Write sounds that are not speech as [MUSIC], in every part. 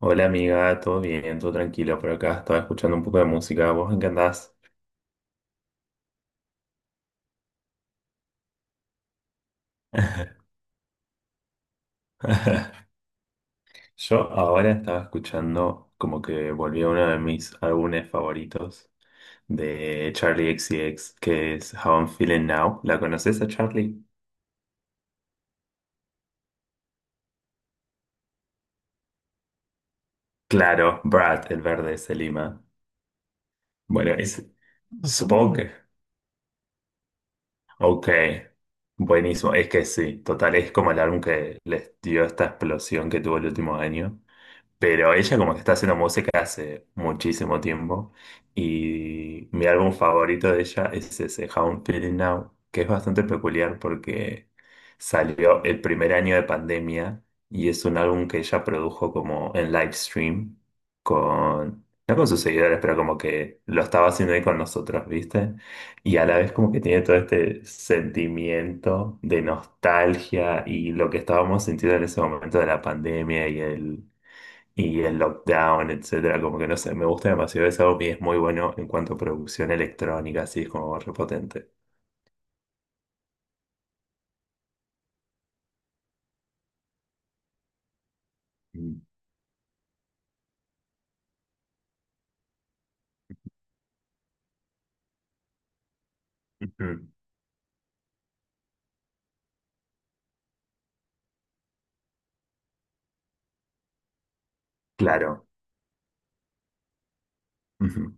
Hola amiga, todo bien, todo tranquilo por acá. Estaba escuchando un poco de música. ¿Vos en qué andás? [LAUGHS] Yo ahora estaba escuchando como que volví a uno de mis álbumes favoritos de Charlie X C X, que es How I'm Feeling Now. ¿La conoces a Charlie? Claro, Brad, el verde de Selima. Bueno, es, supongo que... Ok, buenísimo. Es que sí, total, es como el álbum que les dio esta explosión que tuvo el último año. Pero ella como que está haciendo música hace muchísimo tiempo y mi álbum favorito de ella es ese How I'm Feeling Now, que es bastante peculiar porque salió el primer año de pandemia y es un álbum que ella produjo como en live stream con, no con sus seguidores, pero como que lo estaba haciendo ahí con nosotros, ¿viste? Y a la vez como que tiene todo este sentimiento de nostalgia y lo que estábamos sintiendo en ese momento de la pandemia y el lockdown, etcétera, como que no sé, me gusta demasiado ese álbum y es muy bueno en cuanto a producción electrónica, así es como repotente. Mm, ujú, claro. Ujú.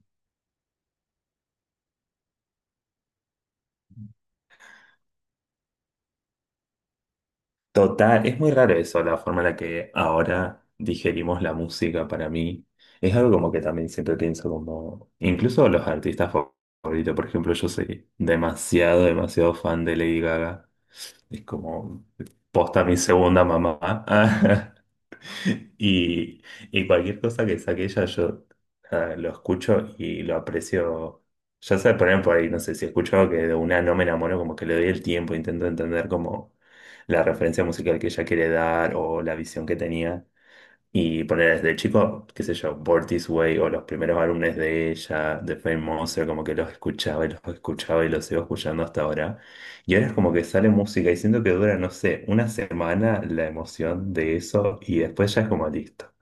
Total, es muy raro eso, la forma en la que ahora digerimos la música para mí. Es algo como que también siempre pienso como, incluso los artistas favoritos, por ejemplo, yo soy demasiado, demasiado fan de Lady Gaga. Es como, posta mi segunda mamá. [LAUGHS] [LAUGHS] Y, y cualquier cosa que saque ella, yo nada, lo escucho y lo aprecio. Ya sé, poner por ahí, no sé, si escucho algo que de una no me enamoro, como que le doy el tiempo, intento entender como la referencia musical que ella quiere dar o la visión que tenía. Y poner desde chico, qué sé yo, Born This Way o los primeros álbumes de ella, de Fame Monster, como que los escuchaba y los escuchaba y los sigo escuchando hasta ahora. Y ahora es como que sale música y siento que dura, no sé, una semana la emoción de eso y después ya es como listo.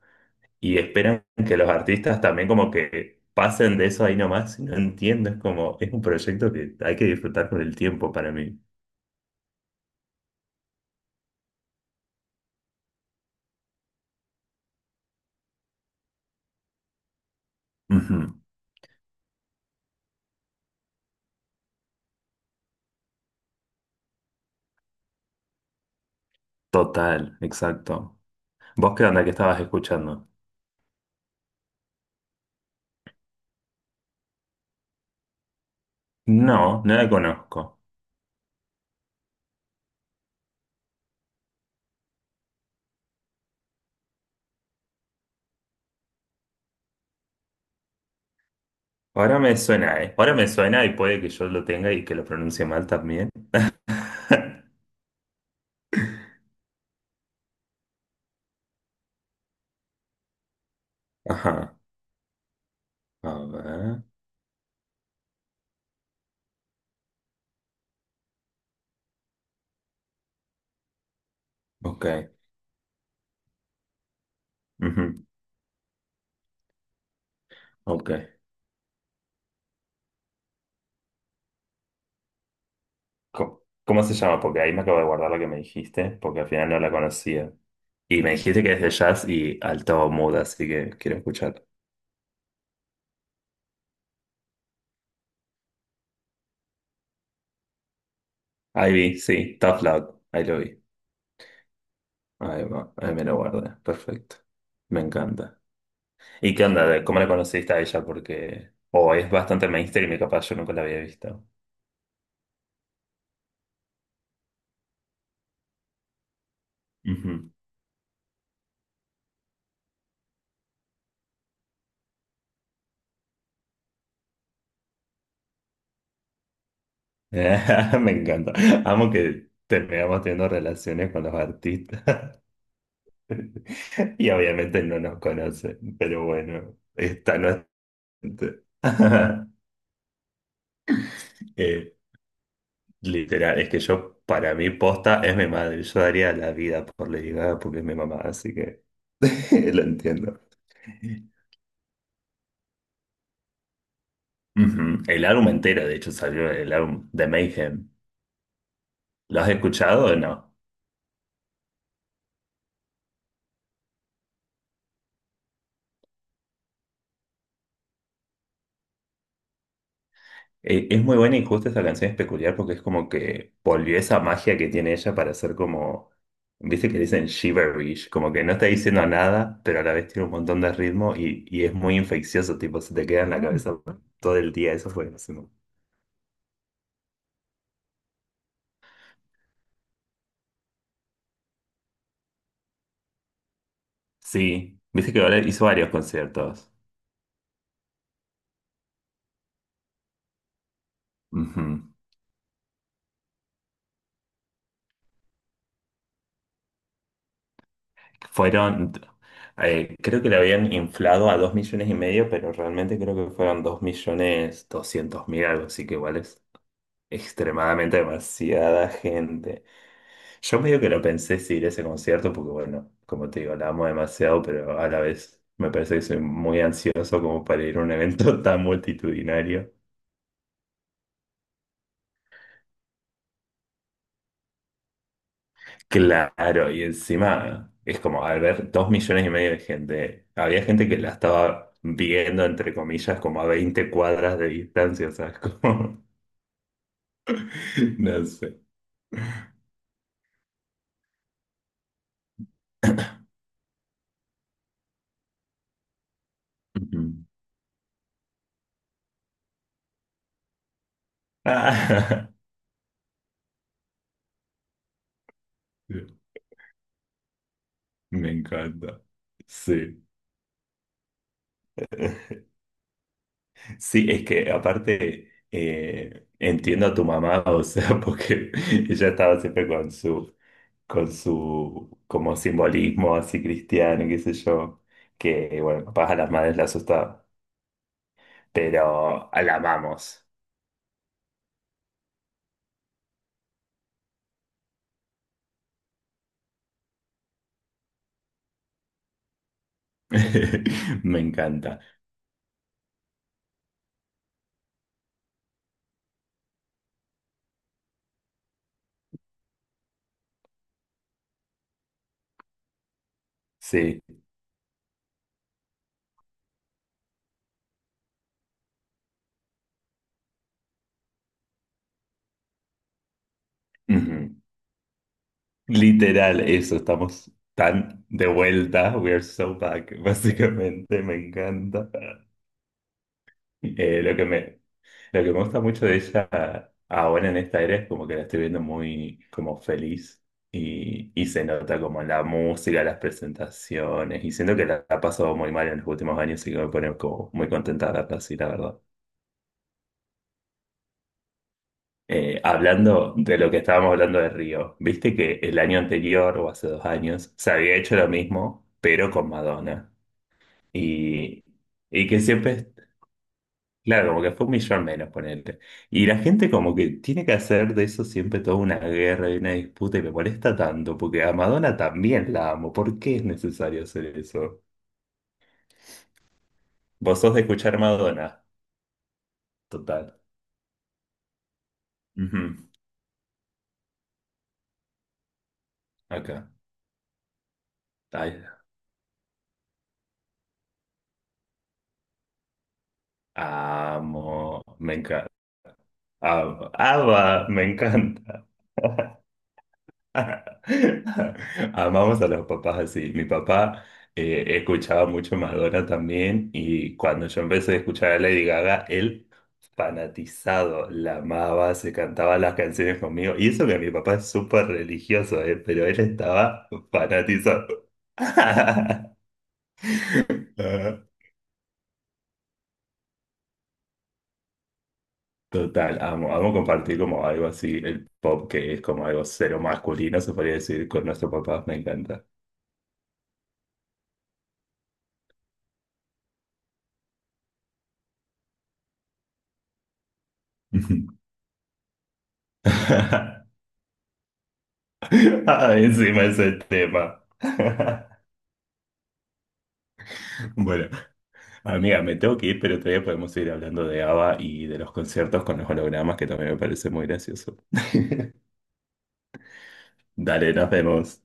Y esperan que los artistas también como que pasen de eso ahí nomás. Y no entiendo, es como, es un proyecto que hay que disfrutar con el tiempo para mí. Ujú, total, exacto. ¿Vos qué onda que estabas escuchando? No, no la conozco. Ahora me suena, ¿eh? Ahora me suena y puede que yo lo tenga y que lo pronuncie mal también. [LAUGHS] Ajá. A ver. Ok. Ujú, ok. Co- ¿Cómo se llama? Porque ahí me acabo de guardar la que me dijiste, porque al final no la conocía. Y me dijiste que es de jazz y alto mood, así que quiero escuchar. Ahí vi, sí, Tough Love, ahí lo vi. Ahí va, ahí me lo guardé, perfecto. Me encanta. ¿Y qué onda? De ¿Cómo la conociste a ella? Porque, o es bastante mainstream y capaz yo nunca la había visto. [LAUGHS] Me encanta. Amo que terminamos teniendo relaciones con los artistas. [LAUGHS] Y obviamente no nos conocen, pero bueno, está no. [LAUGHS] Eh, Literal, es que yo, para mí, posta es mi madre. Yo daría la vida por Lady Gaga porque es mi mamá, así que [LAUGHS] lo entiendo. Ujú. El álbum entero, de hecho, salió el álbum de Mayhem. ¿Lo has escuchado o no? Es muy buena y justo esta canción es peculiar porque es como que volvió esa magia que tiene ella para ser como, viste que dicen shiverish, como que no está diciendo nada, pero a la vez tiene un montón de ritmo y es muy infeccioso, tipo, se te queda en la cabeza todo el día, eso fue buenísimo. Sí, viste que ahora hizo varios conciertos. Ujú. Fueron, creo que le habían inflado a 2,5 millones, pero realmente creo que fueron 2.200.000 algo, así que igual es extremadamente demasiada gente. Yo medio que lo pensé si ir a ese concierto, porque bueno, como te digo, la amo demasiado, pero a la vez me parece que soy muy ansioso como para ir a un evento [LAUGHS] tan multitudinario. Claro, y encima es como al ver 2,5 millones de gente, había gente que la estaba viendo, entre comillas, como a 20 cuadras de distancia, o sea, es como, [LAUGHS] no sé. Ujú. [LAUGHS] Ah, [LAUGHS] me encanta. Sí. Sí, es que aparte entiendo a tu mamá, o sea, [LAUGHS] porque ella estaba siempre con su, como simbolismo así cristiano, qué sé yo, que bueno, capaz a las madres la asustaba, pero la amamos. [LAUGHS] Me encanta. Sí. Ujú. Literal, eso, estamos tan de vuelta, we are so back, [LAUGHS] básicamente, me encanta. Eh, lo que me, Lo que me gusta mucho de ella ahora en esta era es como que la estoy viendo muy como feliz y se nota como en la música, las presentaciones y siento que la ha pasado muy mal en los últimos años y que me pone como muy contenta de verla así, la verdad. Hablando de lo que estábamos hablando de Río, viste que el año anterior o hace 2 años se había hecho lo mismo pero con Madonna y, y que siempre claro, porque fue un millón menos, ponerte. Y la gente como que tiene que hacer de eso siempre toda una guerra y una disputa y me molesta tanto, porque a Madonna también la amo. ¿Por qué es necesario hacer eso? Vos sos de escuchar Madonna, total. Ujú, acá. Ay, amo, me encanta. Amo, ama, me encanta. [LAUGHS] [LAUGHS] Amamos a los papás así. Mi papá escuchaba mucho Madonna también y cuando yo empecé a escuchar a Lady Gaga, él fanatizado, la amaba, se cantaba las canciones conmigo. Y eso que mi papá es súper religioso, pero él estaba fanatizado. [LAUGHS] Ah, total, amo, amo compartir como algo así, el pop que es como algo cero masculino, se podría decir, con nuestro papá, me encanta. [LAUGHS] [LAUGHS] Ay, encima ese tema. [LAUGHS] Bueno, amiga, me tengo que ir, pero todavía podemos seguir hablando de ABBA y de los conciertos con los hologramas, que también me parece muy gracioso. Dale, nos vemos.